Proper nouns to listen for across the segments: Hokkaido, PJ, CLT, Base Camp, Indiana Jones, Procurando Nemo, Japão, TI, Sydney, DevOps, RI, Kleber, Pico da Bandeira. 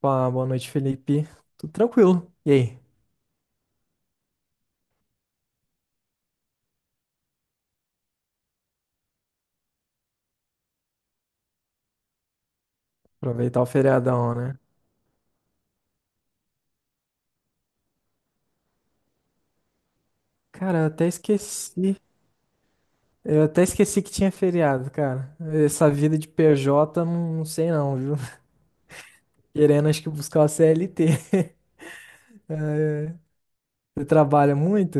Pá, boa noite, Felipe. Tudo tranquilo. E aí? Aproveitar o feriadão, né? Cara, eu até esqueci. Eu até esqueci que tinha feriado, cara. Essa vida de PJ, não sei não, viu? Querendo, acho que buscar uma CLT. É, você trabalha muito?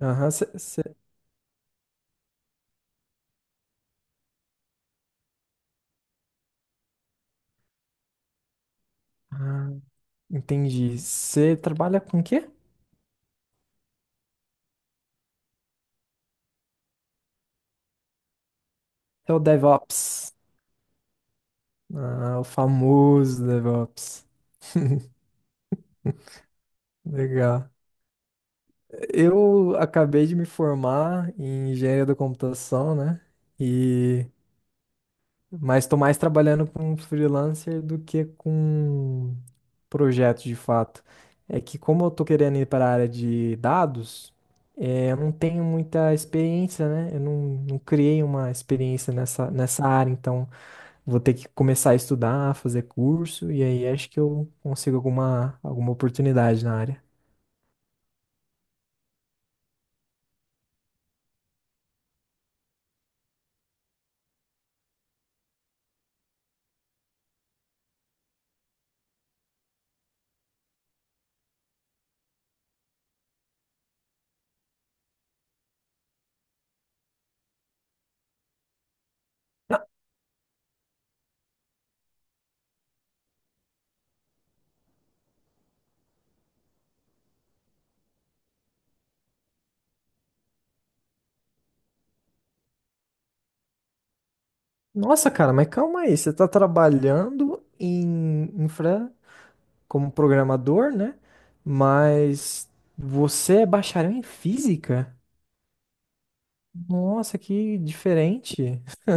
Aham. Ah, Entendi. Você trabalha com o quê? É o DevOps. Ah, o famoso DevOps. Legal. Eu acabei de me formar em engenharia da computação, né? E mas estou mais trabalhando com freelancer do que com projetos de fato. É que como eu estou querendo ir para a área de dados, eu não tenho muita experiência, né? Eu não, Não criei uma experiência nessa área, então vou ter que começar a estudar, fazer curso, e aí acho que eu consigo alguma oportunidade na área. Nossa, cara, mas calma aí. Você tá trabalhando em infra como programador, né? Mas você é bacharel em física? Nossa, que diferente.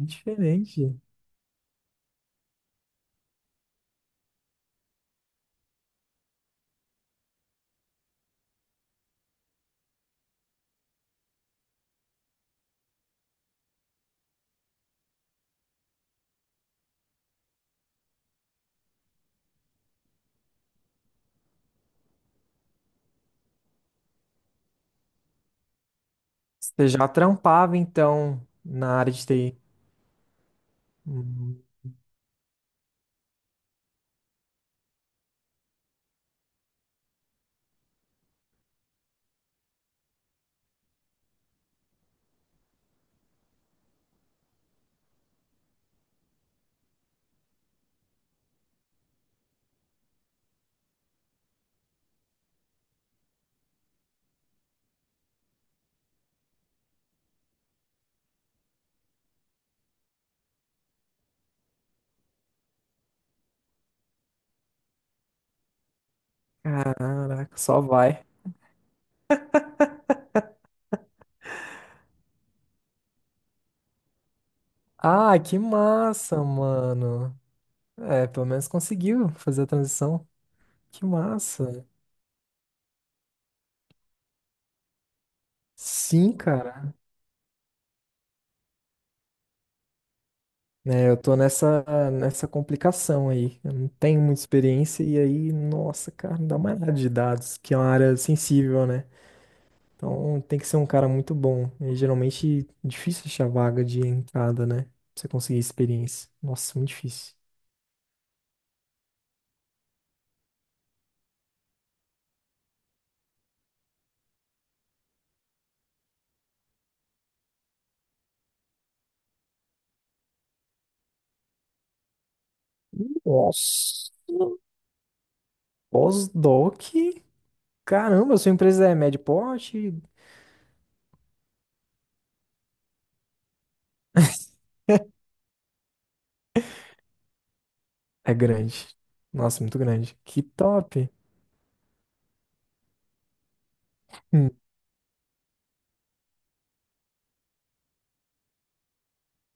Diferente. Você já trampava, então, na área de TI. Hum. Caraca, só vai. Ah, que massa, mano. É, pelo menos conseguiu fazer a transição. Que massa. Sim, cara. É, eu tô nessa complicação aí. Eu não tenho muita experiência e aí, nossa, cara, não dá mais nada de dados, que é uma área sensível, né? Então tem que ser um cara muito bom. E geralmente difícil achar vaga de entrada, né? Pra você conseguir experiência. Nossa, muito difícil. Nossa, pós-doc? Caramba, sua empresa é médio porte? É grande. Nossa, muito grande. Que top. Hum.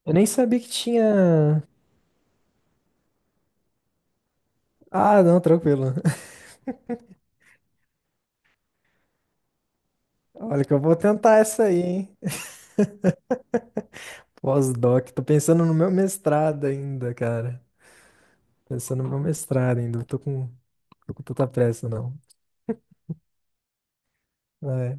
Eu nem sabia que tinha. Ah, não, tranquilo. Olha que eu vou tentar essa aí, hein? Pós-doc. Tô pensando no meu mestrado ainda, cara. Pensando no meu mestrado ainda. Não tô com, Tô com tanta pressa, não. É.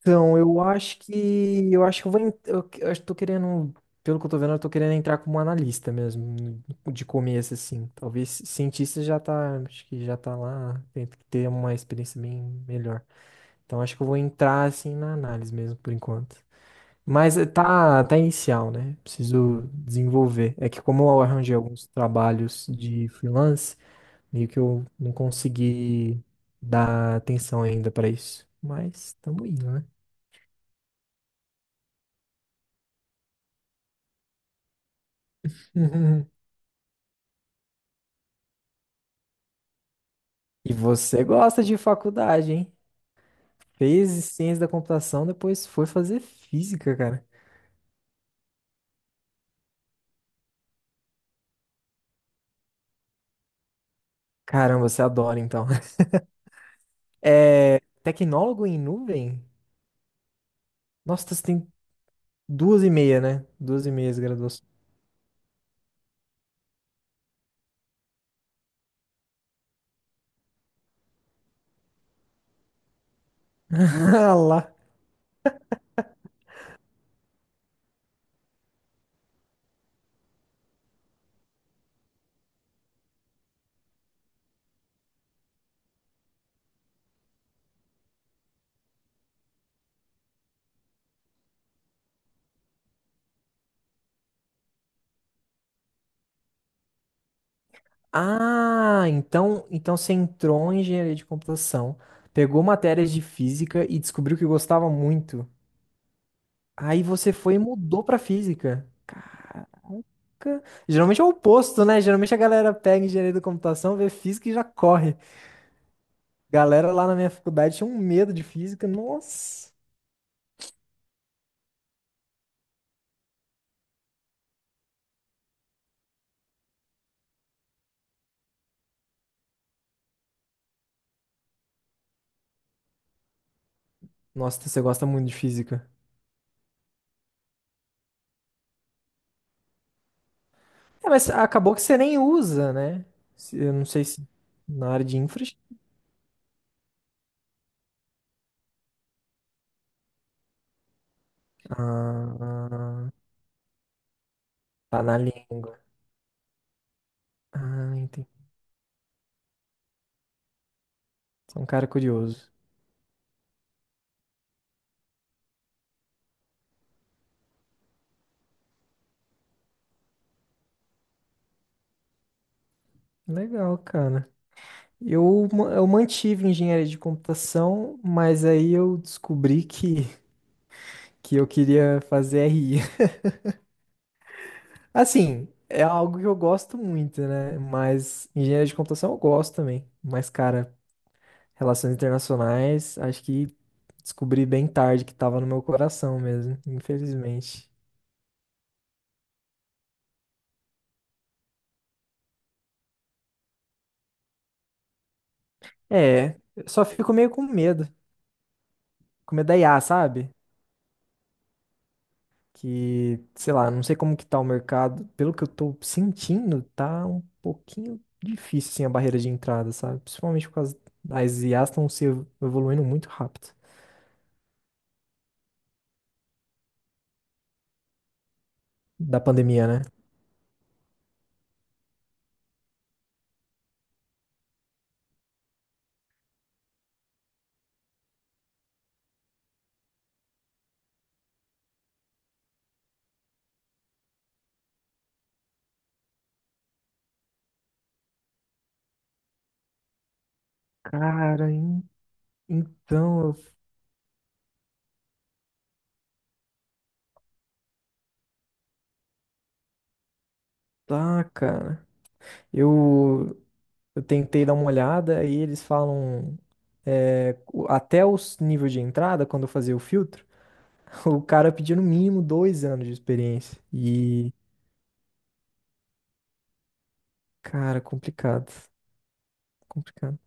Eu acho que eu vou. Eu acho que tô querendo. Pelo que eu tô vendo, eu tô querendo entrar como analista mesmo. De começo, assim. Talvez cientista já tá. Acho que já tá lá. Tem que ter uma experiência bem melhor. Então, acho que eu vou entrar, assim, na análise mesmo, por enquanto. Mas tá inicial, né? Preciso desenvolver. É que como eu arranjei alguns trabalhos de freelance, meio que eu não consegui dar atenção ainda pra isso. Mas estamos indo, né? E você gosta de faculdade, hein? Fez ciência da computação, depois foi fazer física, cara. Caramba, você adora então. É, tecnólogo em nuvem? Nossa, você tem duas e meia, né? Duas e meias graduação. Ah lá. Ah, então você entrou em engenharia de computação, pegou matérias de física e descobriu que gostava muito. Aí você foi e mudou pra física. Nunca- geralmente é o oposto, né? Geralmente a galera pega engenharia da computação, vê física e já corre. Galera lá na minha faculdade tinha um medo de física. Nossa. Nossa, então você gosta muito de física. É, mas acabou que você nem usa, né? Se- eu não sei se na área de infra. Ah, tá na língua. Ah, entendi. Você é um cara curioso. Legal, cara. Eu mantive engenharia de computação, mas aí eu descobri que eu queria fazer RI. Assim, é algo que eu gosto muito, né? Mas engenharia de computação eu gosto também. Mas, cara, relações internacionais, acho que descobri bem tarde que tava no meu coração mesmo, infelizmente. É, eu só fico meio com medo. Com medo da IA, sabe? Que, sei lá, não sei como que tá o mercado. Pelo que eu tô sentindo, tá um pouquinho difícil, assim, a barreira de entrada, sabe? Principalmente por causa as IAs estão se evo- evoluindo muito rápido da pandemia, né? Cara, en- então, eu- Tá, cara. Eu Eu tentei dar uma olhada e eles falam até os nível de entrada, quando eu fazia o filtro, o cara pedia no mínimo 2 anos de experiência. E, cara, complicado. Complicado.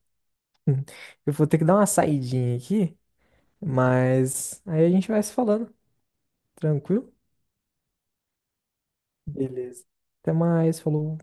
Hum. Eu vou ter que dar uma saidinha aqui, mas aí a gente vai se falando. Tranquilo? Beleza. Até mais, falou.